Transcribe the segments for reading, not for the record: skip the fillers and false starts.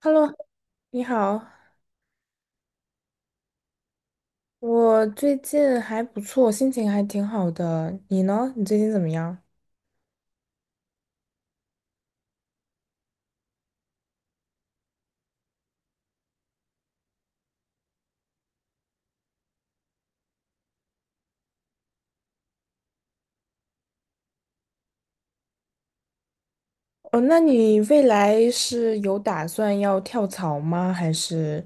Hello，你好，我最近还不错，心情还挺好的。你呢？你最近怎么样？哦，那你未来是有打算要跳槽吗？还是，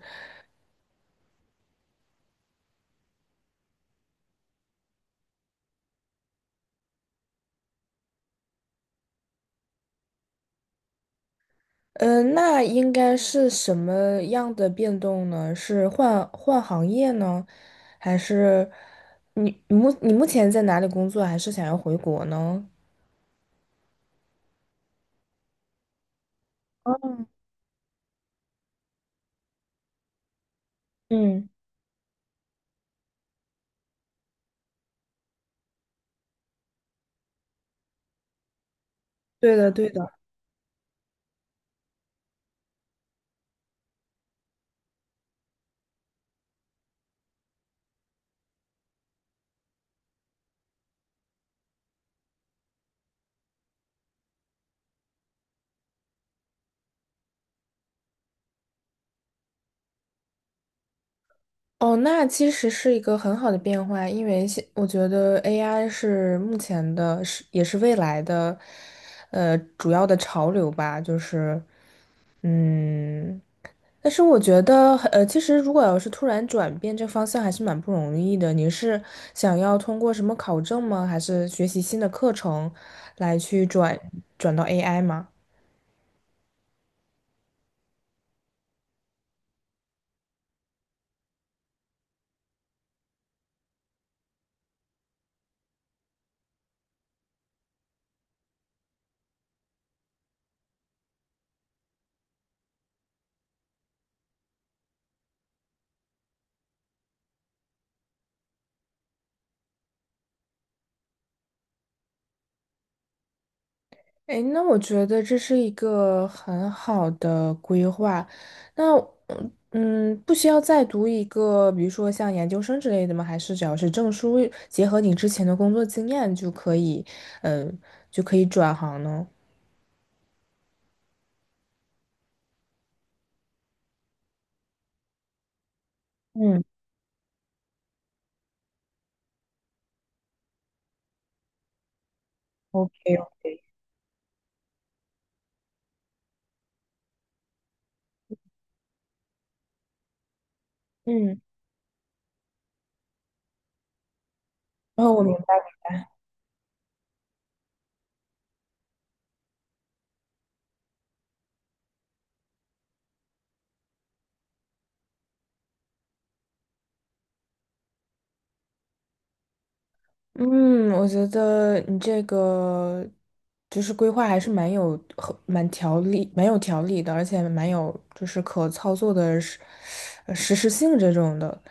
嗯，那应该是什么样的变动呢？是换换行业呢，还是你目前在哪里工作？还是想要回国呢？哦嗯，对的，对的。哦，那其实是一个很好的变化，因为我觉得 AI 是目前的，是也是未来的，主要的潮流吧，就是，嗯，但是我觉得，其实如果要是突然转变这方向，还是蛮不容易的。你是想要通过什么考证吗？还是学习新的课程来去转到 AI 吗？哎，那我觉得这是一个很好的规划。那不需要再读一个，比如说像研究生之类的吗？还是只要是证书，结合你之前的工作经验就可以，嗯，就可以转行呢？嗯，OK，OK，嗯，然后我明。嗯，我觉得你这个就是规划还是蛮有条理的，而且蛮有就是可操作的实施性这种的。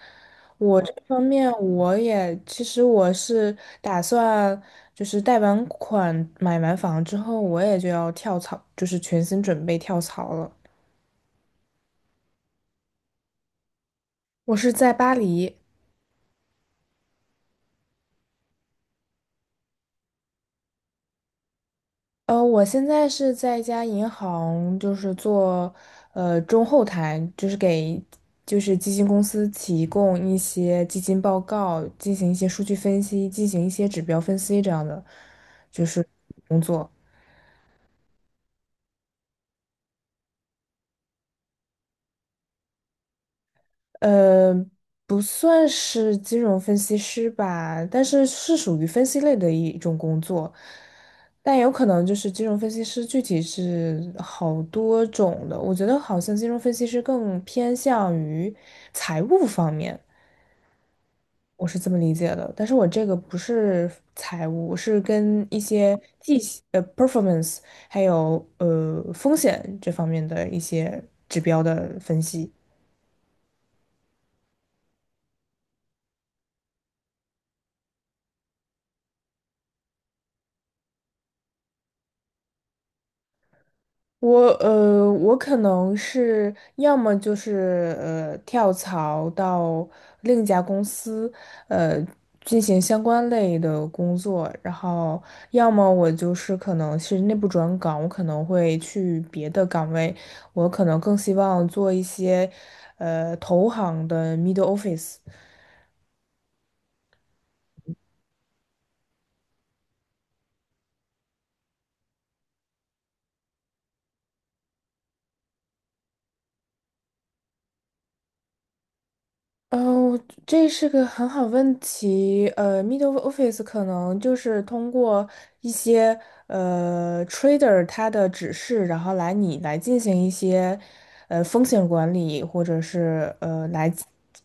我这方面我也其实我是打算就是贷完款买完房之后，我也就要跳槽，就是全心准备跳槽了。我是在巴黎。我现在是在一家银行，就是做中后台，就是给就是基金公司提供一些基金报告，进行一些数据分析，进行一些指标分析这样的，就是工作。呃，不算是金融分析师吧，但是是属于分析类的一种工作，但有可能就是金融分析师具体是好多种的，我觉得好像金融分析师更偏向于财务方面，我是这么理解的，但是我这个不是财务，我是跟一些 performance 还有风险这方面的一些指标的分析。我可能是要么就是跳槽到另一家公司，呃进行相关类的工作，然后要么我就是可能是内部转岗，我可能会去别的岗位，我可能更希望做一些投行的 middle office。嗯，我这是个很好问题。middle office 可能就是通过一些trader 他的指示，然后你来进行一些风险管理，或者是来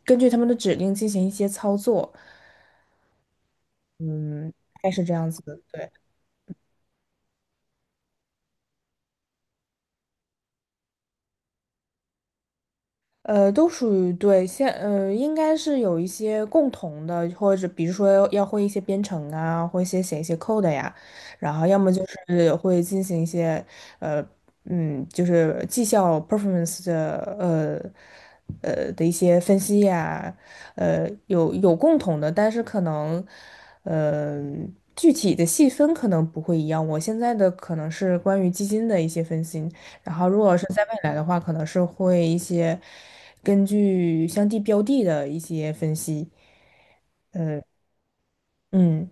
根据他们的指令进行一些操作。嗯，大概是这样子的。对。都属于对，应该是有一些共同的，或者比如说要会一些编程啊，或一些写一些 code 呀，然后要么就是会进行一些呃，就是绩效 performance 的一些分析呀，有共同的，但是可能呃具体的细分可能不会一样。我现在的可能是关于基金的一些分析，然后，如果是在未来的话，可能是会一些根据相地标的的一些分析。嗯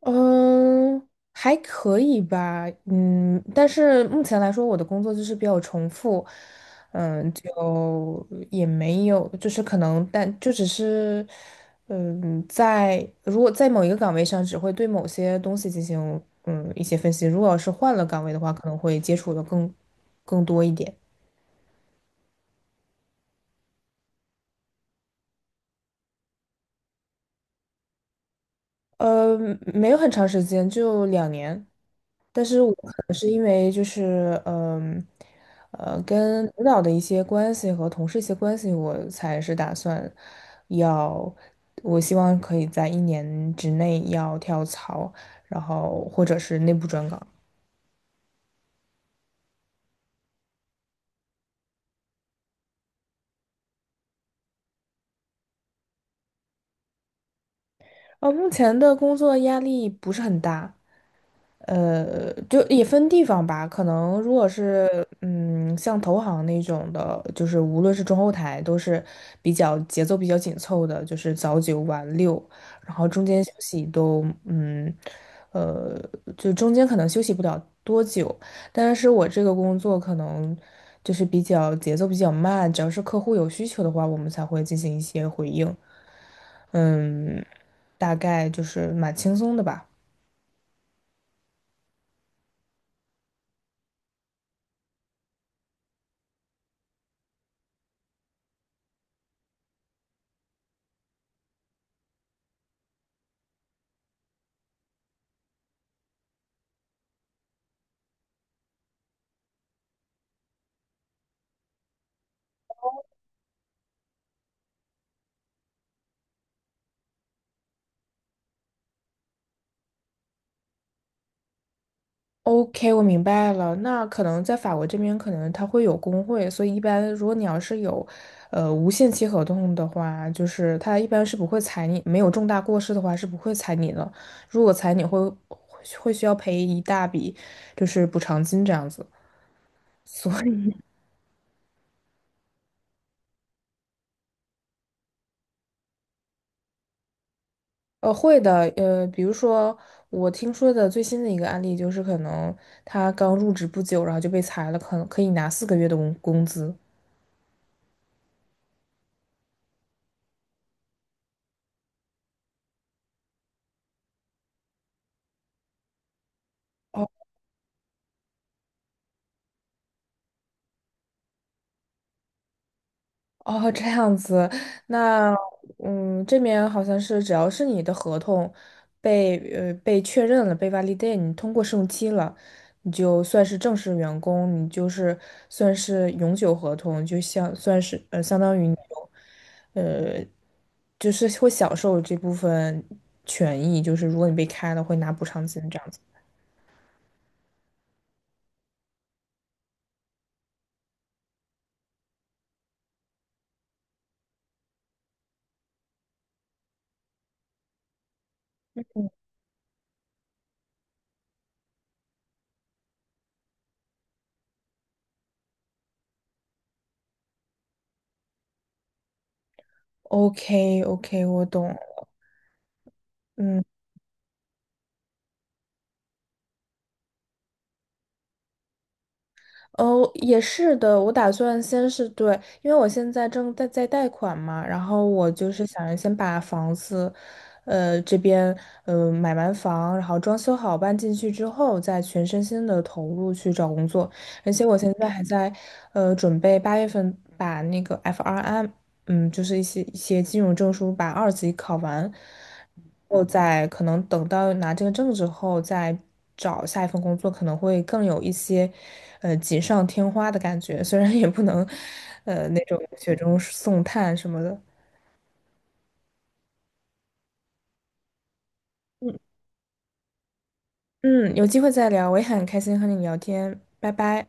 嗯，还可以吧。嗯，但是目前来说，我的工作就是比较重复。嗯，就也没有，就是可能，但就只是，嗯，如果在某一个岗位上，只会对某些东西进行一些分析。如果要是换了岗位的话，可能会接触的更多一点。呃，没有很长时间，就2年。但是我可能是因为就是，跟领导的一些关系和同事一些关系，我才是打算要，我希望可以在一年之内要跳槽，然后或者是内部转岗。目前的工作压力不是很大，就也分地方吧。可能如果是像投行那种的，就是无论是中后台都是比较节奏比较紧凑的，就是早九晚六，然后中间休息都呃，就中间可能休息不了多久。但是我这个工作可能就是比较节奏比较慢，只要是客户有需求的话，我们才会进行一些回应。嗯，大概就是蛮轻松的吧。OK，我明白了。那可能在法国这边，可能它会有工会，所以一般如果你要是有，无限期合同的话，就是他一般是不会裁你，没有重大过失的话是不会裁你的。如果裁你会需要赔一大笔，就是补偿金这样子。所以，会的，比如说我听说的最新的一个案例就是，可能他刚入职不久，然后就被裁了，可能可以拿4个月的工资。哦，这样子，那这边好像是只要是你的合同被确认了，被 validate，你通过试用期了，你就算是正式员工，你就是算是永久合同，就像算是相当于你有就是会享受这部分权益，就是如果你被开了会拿补偿金这样子。OK OK，我懂。嗯。哦，也是的，我打算先是对，因为我现在正在贷款嘛，然后我就是想着先把房子，这边买完房，然后装修好搬进去之后，再全身心的投入去找工作，而且我现在还在，准备8月份把那个 FRM 就是一些金融证书把2级考完，后再可能等到拿这个证之后再找下一份工作，可能会更有一些锦上添花的感觉。虽然也不能那种雪中送炭什么的。嗯嗯，有机会再聊，我也很开心和你聊天，拜拜。